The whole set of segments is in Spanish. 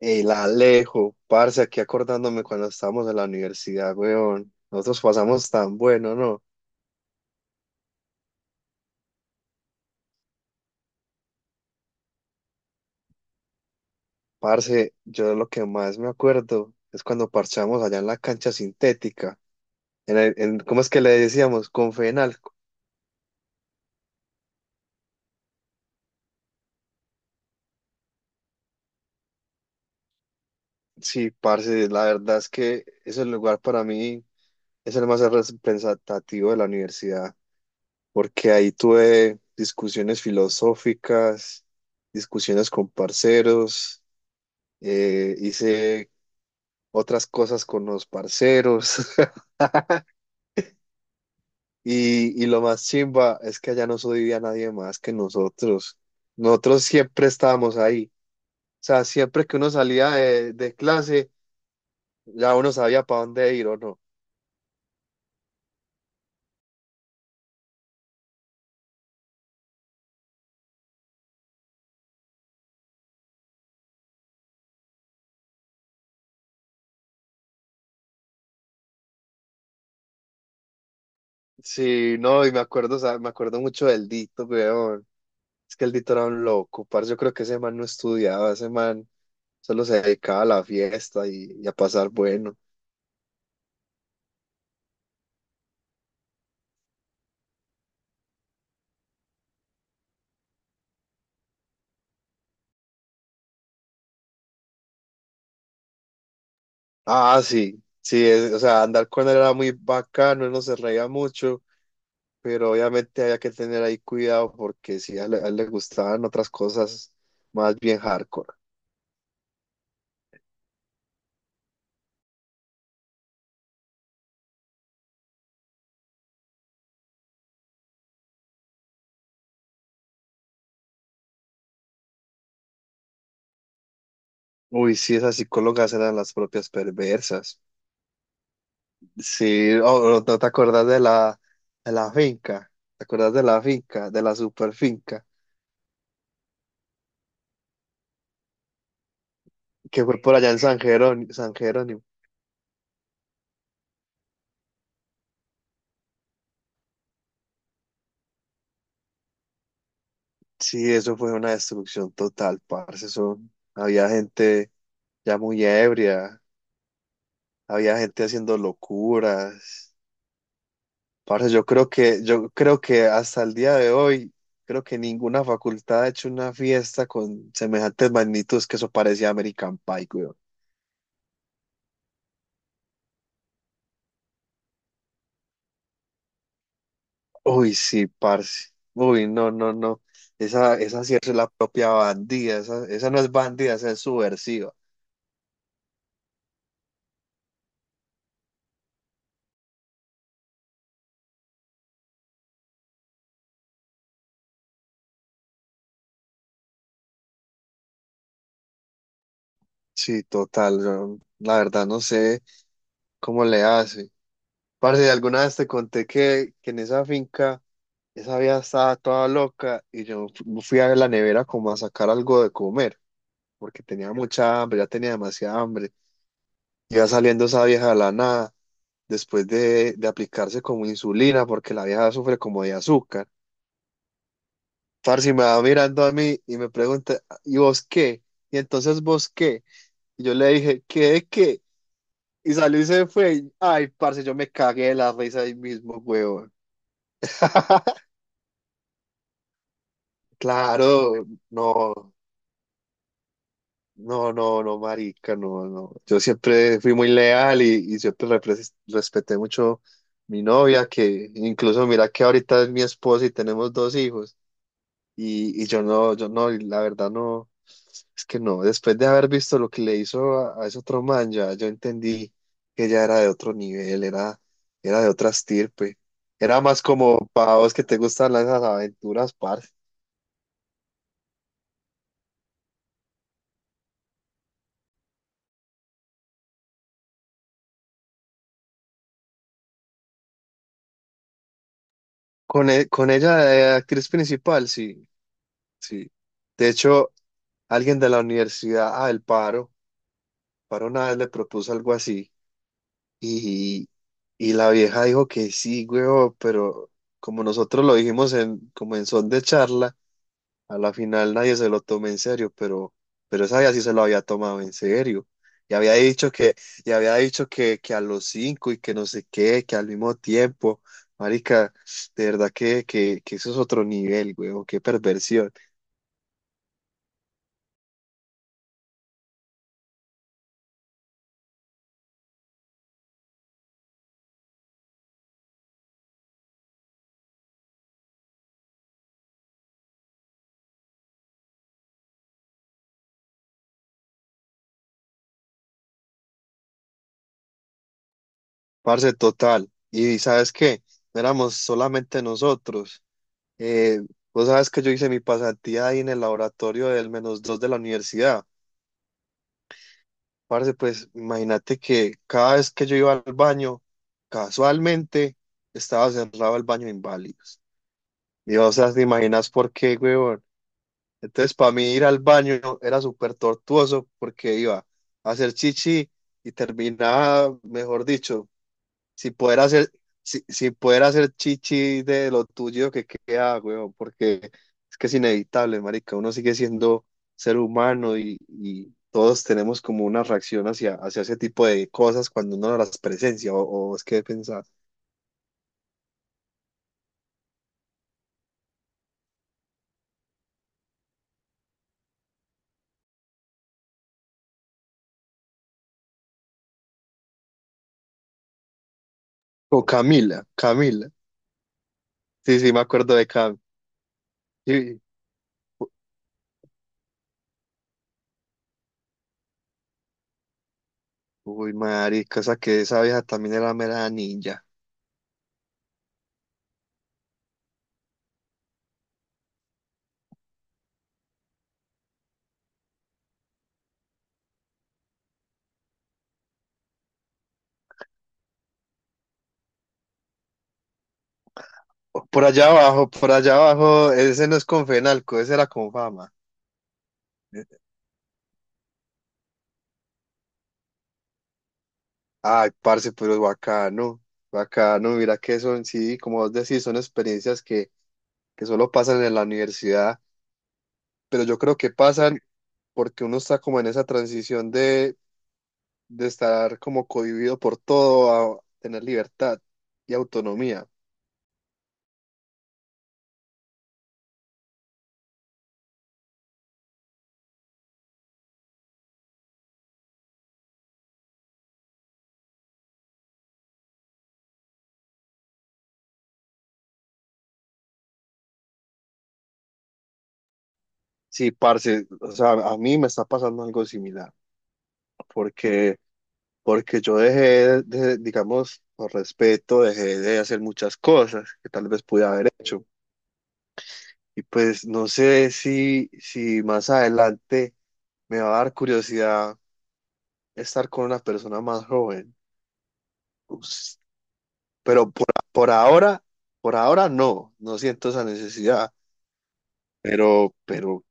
El Alejo, parce, aquí acordándome cuando estábamos en la universidad, weón. Nosotros pasamos tan bueno, ¿no? Parce, yo lo que más me acuerdo es cuando parchamos allá en la cancha sintética. ¿Cómo es que le decíamos? Confenal. Sí, parce, la verdad es que ese lugar para mí es el más representativo de la universidad, porque ahí tuve discusiones filosóficas, discusiones con parceros, hice otras cosas con los parceros. Y lo más chimba es que allá no subía nadie más que nosotros. Nosotros siempre estábamos ahí. O sea, siempre que uno salía de clase, ya uno sabía para dónde ir o no. Sí, no, y me acuerdo, o sea, me acuerdo mucho del Dito, weón. Es que el Dito era un loco, parce. Yo creo que ese man no estudiaba, ese man solo se dedicaba a la fiesta y a pasar bueno. Ah, sí, sí, o sea, andar con él era muy bacano, él no se reía mucho, pero obviamente había que tener ahí cuidado porque si a él, a él le gustaban otras cosas más bien hardcore. Uy, sí, esas psicólogas eran las propias perversas. Sí, oh, ¿no te acuerdas de la finca? ¿Te acuerdas de la finca, de la super finca? Que fue por allá en San Jerónimo, San Jerónimo. Sí, eso fue una destrucción total, parce. Eso, había gente ya muy ebria, había gente haciendo locuras. Parce, yo creo que hasta el día de hoy, creo que ninguna facultad ha hecho una fiesta con semejantes magnitudes. Que eso parecía American Pie, weón. Uy, sí, parce. Uy, no, no, no. Esa sí es la propia bandida. Esa no es bandida, esa es subversiva. Sí, total. Yo, la verdad, no sé cómo le hace. Parce, alguna vez te conté que en esa finca, esa vida estaba toda loca y yo fui a la nevera como a sacar algo de comer, porque tenía mucha hambre, ya tenía demasiada hambre. Iba saliendo esa vieja de la nada, después de aplicarse como insulina, porque la vieja sufre como de azúcar. Parce, y me va mirando a mí y me pregunta, ¿y vos qué? Y entonces, ¿vos qué? Y yo le dije, ¿qué de qué? Y salió y se fue. Ay, parce, yo me cagué de la risa ahí mismo, huevón. Claro, no. No, no, no, marica, no, no. Yo siempre fui muy leal y siempre respeté mucho mi novia, que incluso mira que ahorita es mi esposa y tenemos dos hijos. Y la verdad no, es que no. Después de haber visto lo que le hizo a ese otro man, ya yo entendí que ella era de otro nivel, era, era de otra estirpe. Era más como para vos que te gustan las esas aventuras, parce. Con, con ella, de actriz principal, sí, sí. De hecho, alguien de la universidad, ah, el paro, paro una vez le propuso algo así y, y la vieja dijo que sí, huevo, pero como nosotros lo dijimos en, como en son de charla, a la final nadie se lo tomó en serio, pero esa vieja sí se lo había tomado en serio. Y había dicho que, y había dicho que a los cinco y que no sé qué, que al mismo tiempo, marica, de verdad que eso es otro nivel, huevo, qué perversión. Parce, total. Y sabes qué, no éramos solamente nosotros. Eh, vos sabes que yo hice mi pasantía ahí en el laboratorio del menos dos de la universidad. Parce, pues imagínate que cada vez que yo iba al baño, casualmente estaba cerrado el baño de inválidos. Y o sea, te imaginas por qué, huevón. Entonces, para mí ir al baño era súper tortuoso porque iba a hacer chichi y terminaba, mejor dicho, Si poder hacer, si poder hacer chichi de lo tuyo que queda, weón, porque es que es inevitable, marica. Uno sigue siendo ser humano y todos tenemos como una reacción hacia ese tipo de cosas cuando uno no las presencia, o es que pensar. O Camila, Camila. Sí, sí, me acuerdo de Cam. Sí. Uy, marica, esa que esa vieja también era mera ninja. Por allá abajo, ese no es con Fenalco, ese era con fama. Ay, parce, pero bacano, bacano, mira que son, sí, como vos decís, son experiencias que solo pasan en la universidad, pero yo creo que pasan porque uno está como en esa transición de estar como cohibido por todo a tener libertad y autonomía. Sí, parce, o sea, a mí me está pasando algo similar, porque, porque yo dejé de, digamos, por respeto, dejé de hacer muchas cosas que tal vez pude haber hecho. Y pues no sé si más adelante me va a dar curiosidad estar con una persona más joven. Ups. Pero por, por ahora, por ahora no, no siento esa necesidad. Pero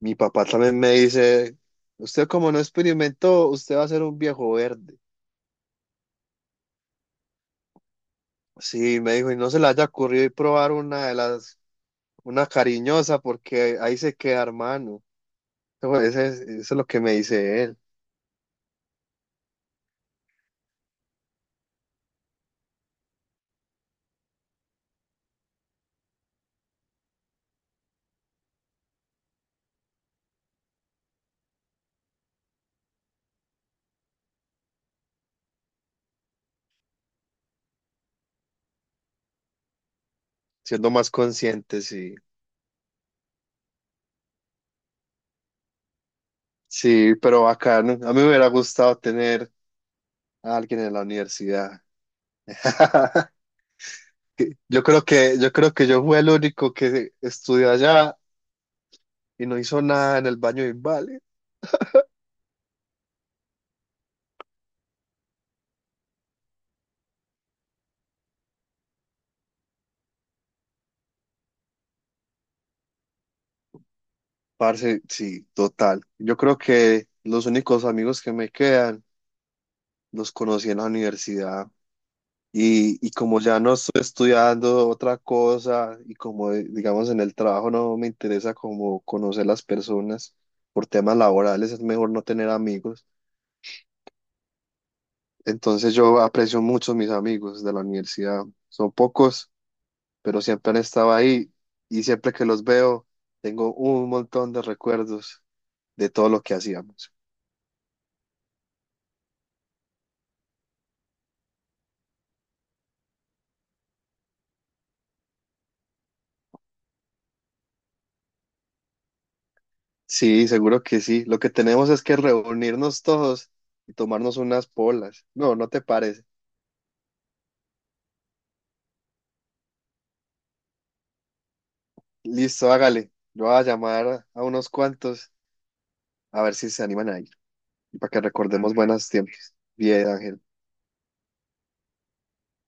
mi papá también me dice, usted como no experimentó, usted va a ser un viejo verde. Sí, me dijo, y no se le haya ocurrido ir probar una cariñosa, porque ahí se queda, hermano. Eso es lo que me dice él, siendo más consciente, sí. Sí, pero bacano. A mí me hubiera gustado tener a alguien en la universidad. Yo creo que yo fui el único que estudió allá y no hizo nada en el baño de Invale. Parce, sí, total. Yo creo que los únicos amigos que me quedan los conocí en la universidad. Y como ya no estoy estudiando otra cosa y como digamos en el trabajo no me interesa como conocer las personas por temas laborales, es mejor no tener amigos. Entonces yo aprecio mucho a mis amigos de la universidad. Son pocos, pero siempre han estado ahí y siempre que los veo tengo un montón de recuerdos de todo lo que hacíamos. Sí, seguro que sí. Lo que tenemos es que reunirnos todos y tomarnos unas polas. ¿No, no te parece? Listo, hágale. Yo voy a llamar a unos cuantos a ver si se animan a ir y para que recordemos buenos tiempos. Bien, Ángel.